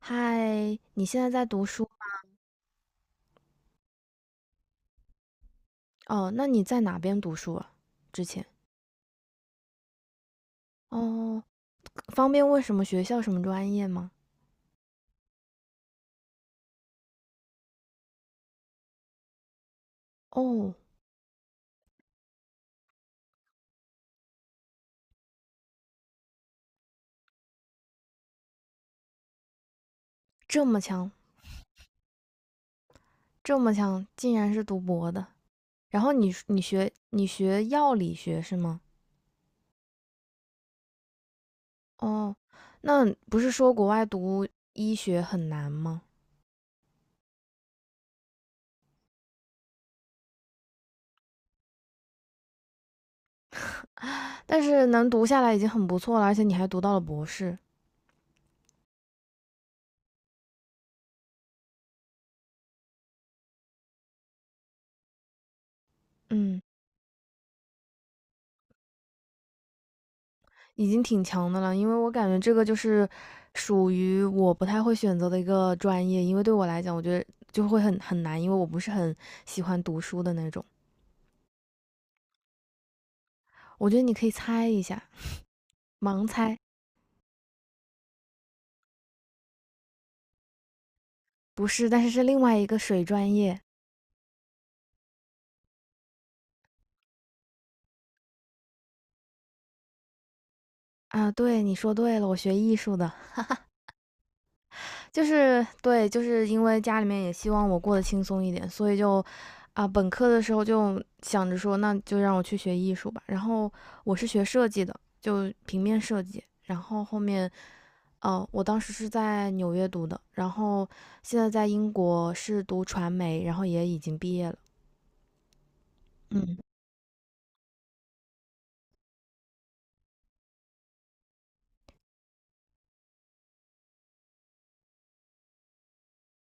嗨，你现在在读书吗？哦，那你在哪边读书啊？之前？哦，方便问什么学校、什么专业吗？哦。这么强，这么强，竟然是读博的。然后你学药理学是吗？哦。那不是说国外读医学很难吗？但是能读下来已经很不错了，而且你还读到了博士。嗯。已经挺强的了，因为我感觉这个就是属于我不太会选择的一个专业，因为对我来讲，我觉得就会很难，因为我不是很喜欢读书的那种。我觉得你可以猜一下，盲猜。不是，但是是另外一个水专业。啊。对，你说对了，我学艺术的。就是对，就是因为家里面也希望我过得轻松一点，所以就本科的时候就想着说，那就让我去学艺术吧。然后我是学设计的，就平面设计。然后后面，我当时是在纽约读的，然后现在在英国是读传媒，然后也已经毕业了。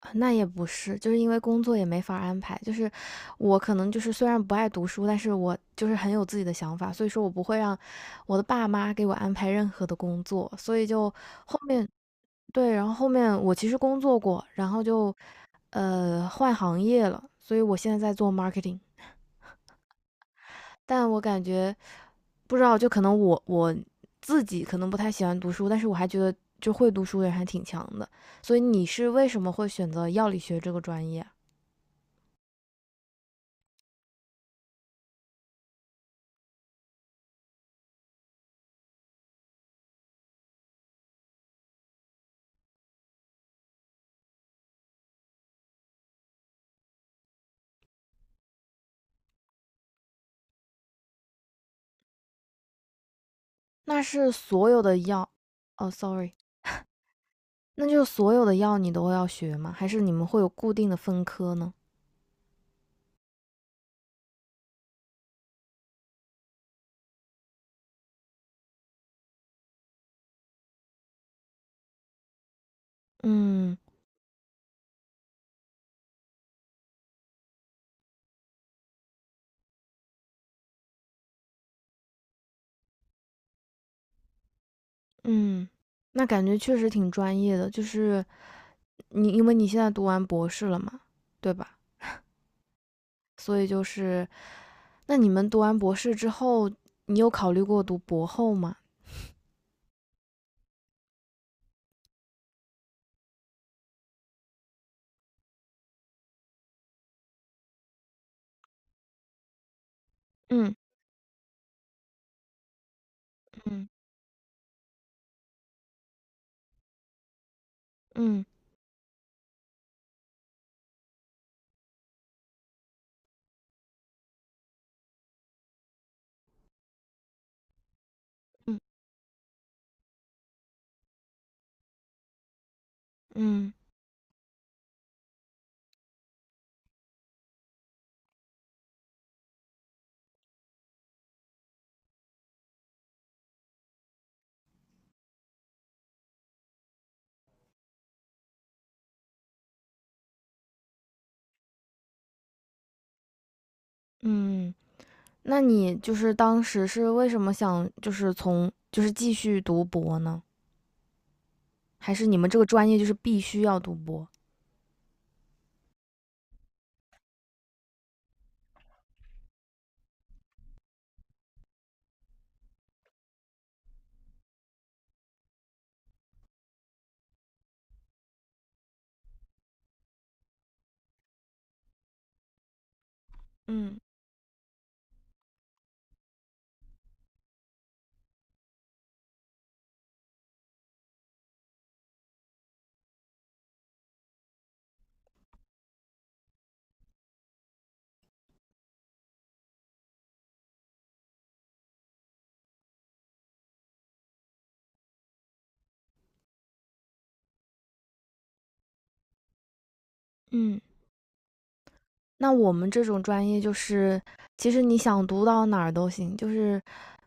啊，那也不是，就是因为工作也没法安排。就是我可能就是虽然不爱读书，但是我就是很有自己的想法，所以说我不会让我的爸妈给我安排任何的工作。所以就后面对，然后后面我其实工作过，然后就换行业了，所以我现在在做 marketing。但我感觉不知道，就可能我自己可能不太喜欢读书，但是我还觉得就会读书的人还挺强的。所以你是为什么会选择药理学这个专业啊？那是所有的药。哦，sorry，那就是所有的药你都要学吗？还是你们会有固定的分科呢？嗯。嗯，那感觉确实挺专业的，就是你因为你现在读完博士了嘛，对吧？所以就是，那你们读完博士之后，你有考虑过读博后吗？嗯，嗯，嗯，嗯，嗯，嗯。那你就是当时是为什么想就是从就是继续读博呢？还是你们这个专业就是必须要读博？嗯。嗯，那我们这种专业就是，其实你想读到哪儿都行，就是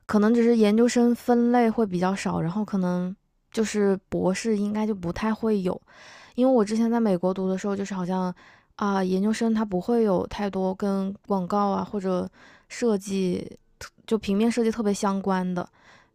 可能只是研究生分类会比较少，然后可能就是博士应该就不太会有，因为我之前在美国读的时候，就是好像啊、研究生它不会有太多跟广告啊或者设计就平面设计特别相关的，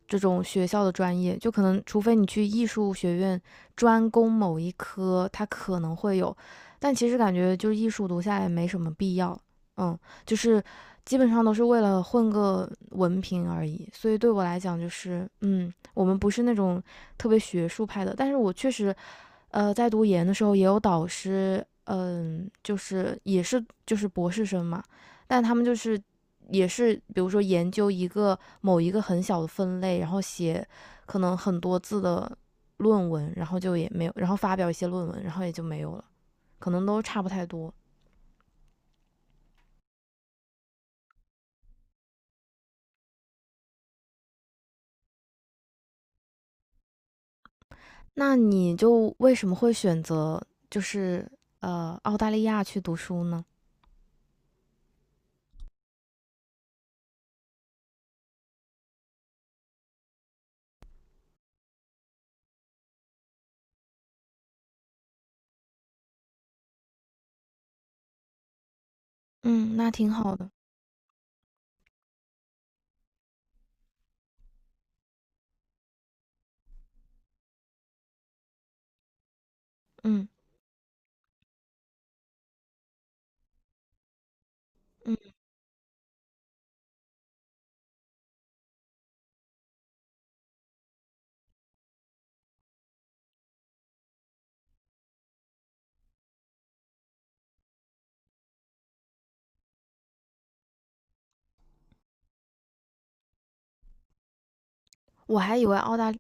这种学校的专业，就可能除非你去艺术学院专攻某一科，它可能会有，但其实感觉就是艺术读下来没什么必要。嗯，就是基本上都是为了混个文凭而已。所以对我来讲，就是嗯，我们不是那种特别学术派的，但是我确实在读研的时候也有导师，嗯，就是也是就是博士生嘛，但他们就是也是，比如说研究一个某一个很小的分类，然后写可能很多字的论文，然后就也没有，然后发表一些论文，然后也就没有了，可能都差不太多。那你就为什么会选择就是澳大利亚去读书呢？嗯，那挺好的。嗯。嗯，我还以为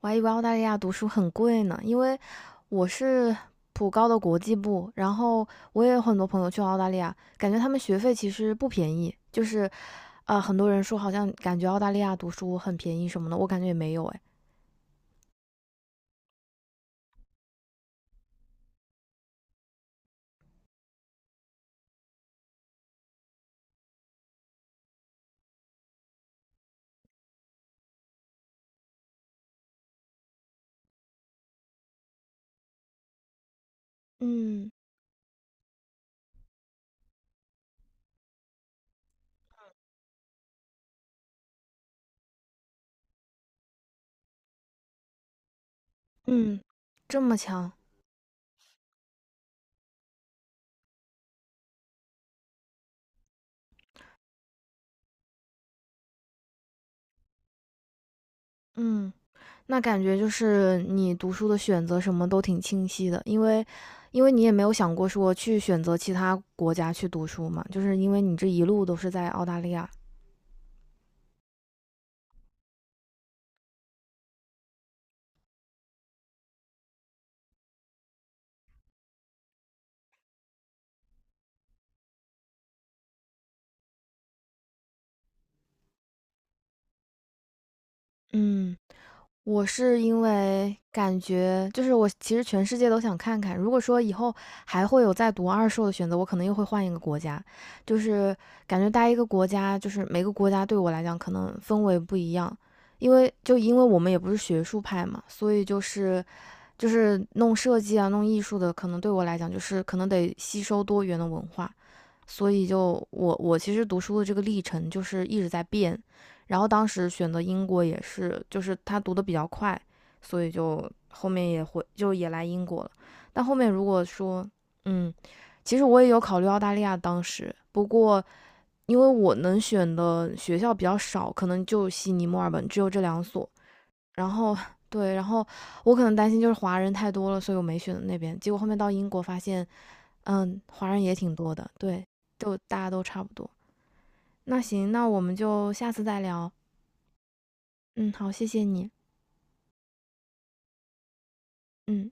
我还以为澳大利亚读书很贵呢，因为我是普高的国际部，然后我也有很多朋友去澳大利亚，感觉他们学费其实不便宜，就是啊，很多人说好像感觉澳大利亚读书很便宜什么的，我感觉也没有诶。嗯。嗯，这么强。嗯，那感觉就是你读书的选择什么都挺清晰的，因为你也没有想过说去选择其他国家去读书嘛，就是因为你这一路都是在澳大利亚。嗯，我是因为感觉就是我其实全世界都想看看，如果说以后还会有再读二硕的选择，我可能又会换一个国家。就是感觉待一个国家，就是每个国家对我来讲可能氛围不一样，因为我们也不是学术派嘛，所以就是弄设计啊、弄艺术的，可能对我来讲就是可能得吸收多元的文化。所以就我其实读书的这个历程就是一直在变，然后当时选择英国也是，就是他读的比较快，所以就后面也会就也来英国了。但后面如果说，嗯，其实我也有考虑澳大利亚，当时不过因为我能选的学校比较少，可能就悉尼、墨尔本只有这两所，然后。对，然后我可能担心就是华人太多了，所以我没选那边。结果后面到英国发现，嗯，华人也挺多的，对，就大家都差不多。那行，那我们就下次再聊。嗯，好，谢谢你。嗯。